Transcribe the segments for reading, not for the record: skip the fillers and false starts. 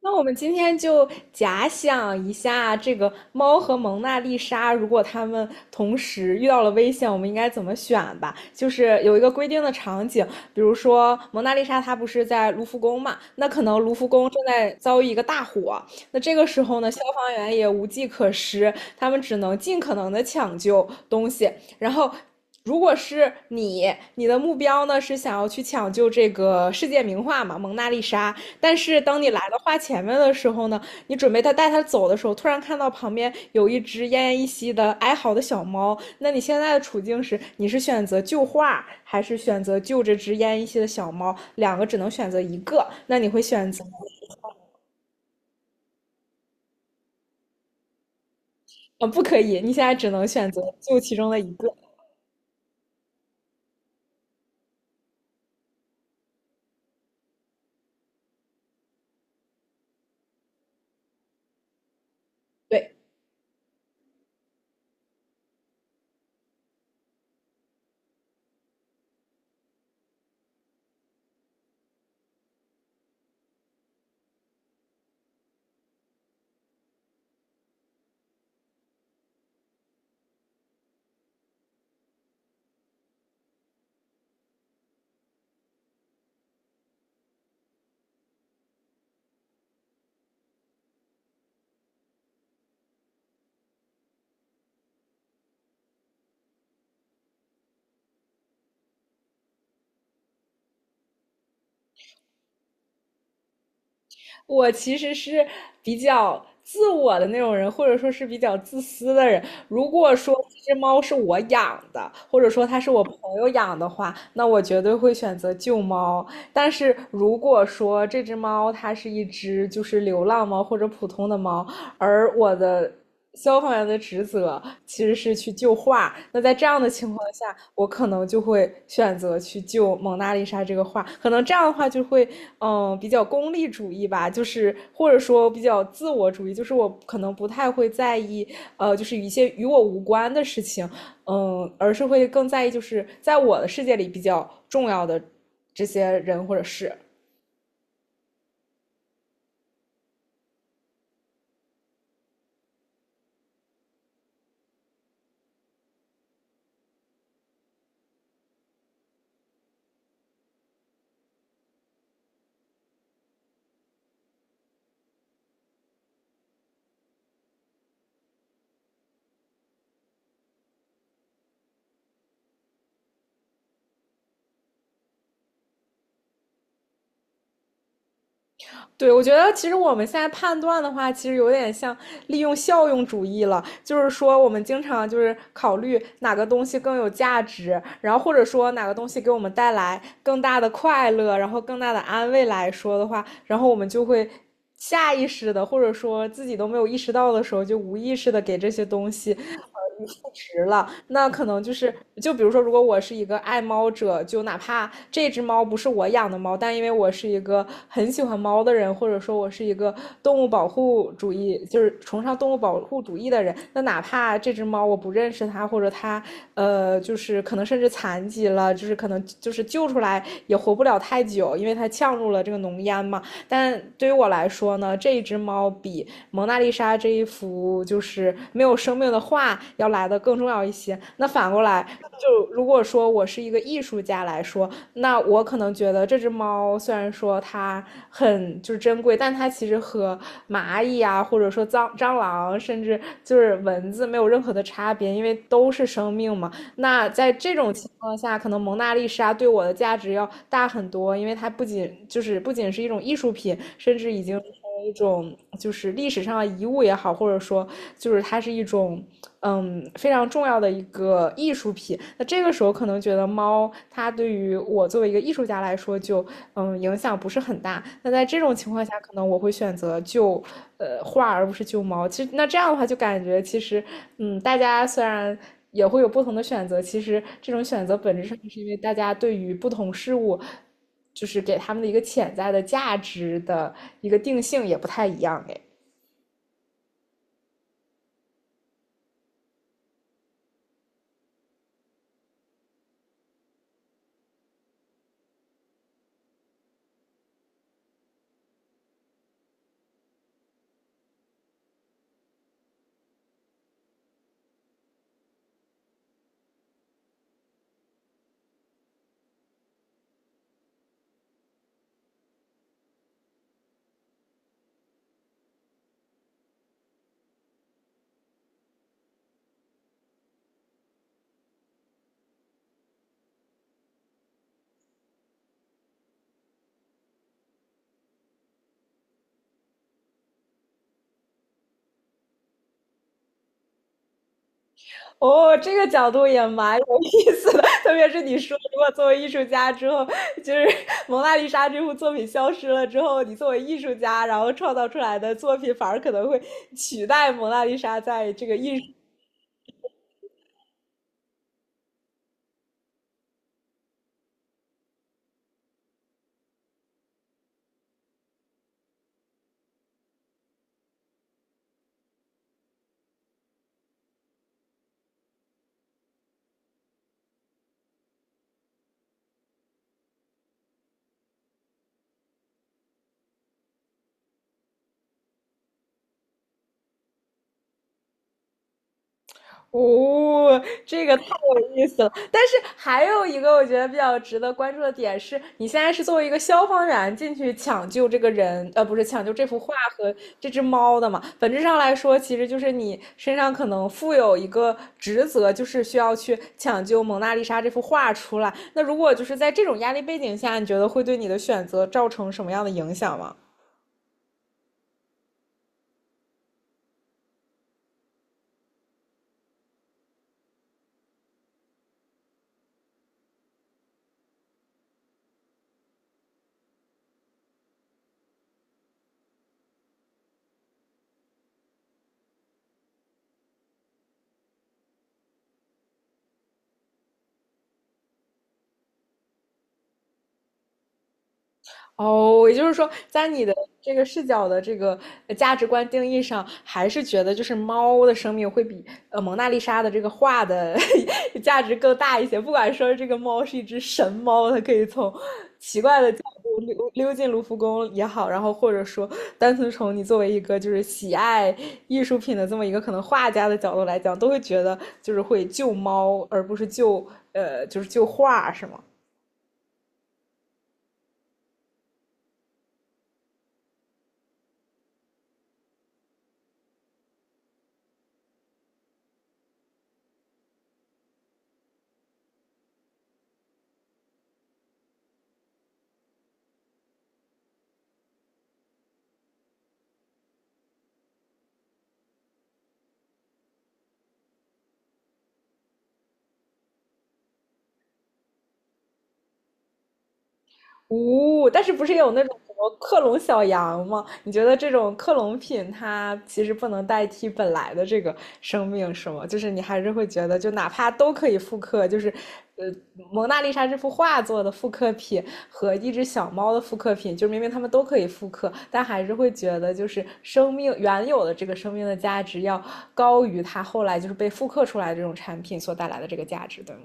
那我们今天就假想一下，这个猫和蒙娜丽莎，如果它们同时遇到了危险，我们应该怎么选吧？就是有一个规定的场景，比如说蒙娜丽莎她不是在卢浮宫嘛，那可能卢浮宫正在遭遇一个大火，那这个时候呢，消防员也无计可施，他们只能尽可能的抢救东西，然后。如果是你，你的目标呢是想要去抢救这个世界名画嘛，蒙娜丽莎。但是当你来到画前面的时候呢，你准备他带他走的时候，突然看到旁边有一只奄奄一息的哀嚎的小猫，那你现在的处境是，你是选择救画，还是选择救这只奄奄一息的小猫？两个只能选择一个，那你会选择，啊，不可以，你现在只能选择救其中的一个。对，我其实是比较自我的那种人，或者说是比较自私的人。如果说这只猫是我养的，或者说它是我朋友养的话，那我绝对会选择救猫。但是如果说这只猫它是一只就是流浪猫或者普通的猫，而我的消防员的职责其实是去救画。那在这样的情况下，我可能就会选择去救蒙娜丽莎这个画。可能这样的话就会，嗯，比较功利主义吧，就是或者说比较自我主义，就是我可能不太会在意，就是一些与我无关的事情，嗯，而是会更在意就是在我的世界里比较重要的这些人或者事。对，我觉得其实我们现在判断的话，其实有点像利用效用主义了，就是说我们经常就是考虑哪个东西更有价值，然后或者说哪个东西给我们带来更大的快乐，然后更大的安慰来说的话，然后我们就会下意识的，或者说自己都没有意识到的时候，就无意识的给这些东西，赋值了。那可能就是，就比如说，如果我是一个爱猫者，就哪怕这只猫不是我养的猫，但因为我是一个很喜欢猫的人，或者说我是一个动物保护主义，就是崇尚动物保护主义的人，那哪怕这只猫我不认识它，或者它，就是可能甚至残疾了，就是可能就是救出来也活不了太久，因为它呛入了这个浓烟嘛。但对于我来说呢，这一只猫比蒙娜丽莎这一幅就是没有生命的画要来的更重要一些。那反过来，就如果说我是一个艺术家来说，那我可能觉得这只猫虽然说它很就是珍贵，但它其实和蚂蚁啊，或者说蟑螂，甚至就是蚊子没有任何的差别，因为都是生命嘛。那在这种情况下，可能蒙娜丽莎对我的价值要大很多，因为它不仅就是不仅是一种艺术品，甚至已经成为一种就是历史上的遗物也好，或者说就是它是一种非常重要的一个艺术品。那这个时候可能觉得猫它对于我作为一个艺术家来说就影响不是很大。那在这种情况下，可能我会选择救画而不是救猫。其实那这样的话就感觉其实大家虽然。也会有不同的选择。其实这种选择本质上是因为大家对于不同事物，就是给他们的一个潜在的价值的一个定性也不太一样哎。哦，这个角度也蛮有意思的，特别是你说，如果作为艺术家之后，就是《蒙娜丽莎》这幅作品消失了之后，你作为艺术家，然后创造出来的作品反而可能会取代《蒙娜丽莎》在这个艺术哦，这个太有意思了。但是还有一个我觉得比较值得关注的点是，你现在是作为一个消防员进去抢救这个人，不是抢救这幅画和这只猫的嘛？本质上来说，其实就是你身上可能负有一个职责，就是需要去抢救蒙娜丽莎这幅画出来。那如果就是在这种压力背景下，你觉得会对你的选择造成什么样的影响吗？哦，也就是说，在你的这个视角的这个价值观定义上，还是觉得就是猫的生命会比蒙娜丽莎的这个画的 价值更大一些。不管说这个猫是一只神猫，它可以从奇怪的角度溜进卢浮宫也好，然后或者说单纯从你作为一个就是喜爱艺术品的这么一个可能画家的角度来讲，都会觉得就是会救猫，而不是救就是救画，是吗？哦，但是不是也有那种什么克隆小羊吗？你觉得这种克隆品它其实不能代替本来的这个生命，是吗？就是你还是会觉得，就哪怕都可以复刻，就是呃，蒙娜丽莎这幅画作的复刻品和一只小猫的复刻品，就明明它们都可以复刻，但还是会觉得就是生命原有的这个生命的价值要高于它后来就是被复刻出来的这种产品所带来的这个价值，对吗？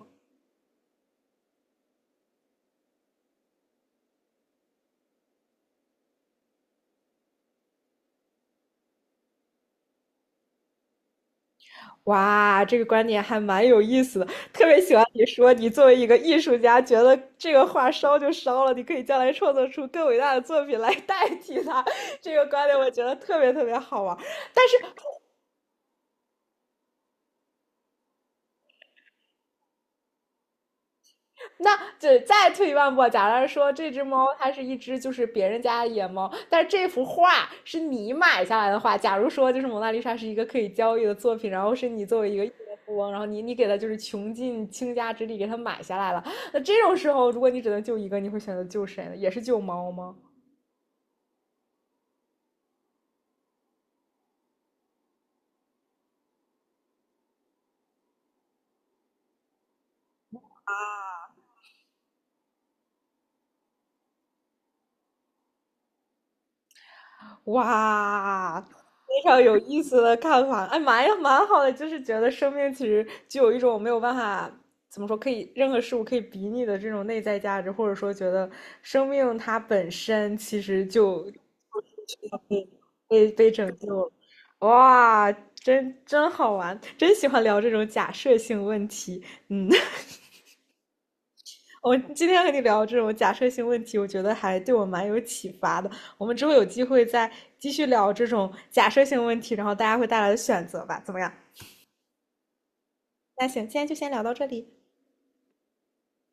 哇，这个观点还蛮有意思的，特别喜欢你说，你作为一个艺术家，觉得这个画烧就烧了，你可以将来创作出更伟大的作品来代替它。这个观点我觉得特别特别好玩但是那只再退一万步，假如说这只猫它是一只就是别人家的野猫，但是这幅画是你买下来的话，假如说就是蒙娜丽莎是一个可以交易的作品，然后是你作为一个亿万富翁，然后你给它就是穷尽倾家之力给它买下来了，那这种时候如果你只能救一个，你会选择救谁呢？也是救猫吗？哇，非常有意思的看法，哎，蛮呀，蛮好的，就是觉得生命其实就有一种没有办法怎么说，可以任何事物可以比拟的这种内在价值，或者说觉得生命它本身其实就被拯救了，哇，真好玩，真喜欢聊这种假设性问题，嗯。我今天和你聊这种假设性问题，我觉得还对我蛮有启发的。我们之后有机会再继续聊这种假设性问题，然后大家会带来的选择吧，怎么样？那行，今天就先聊到这里。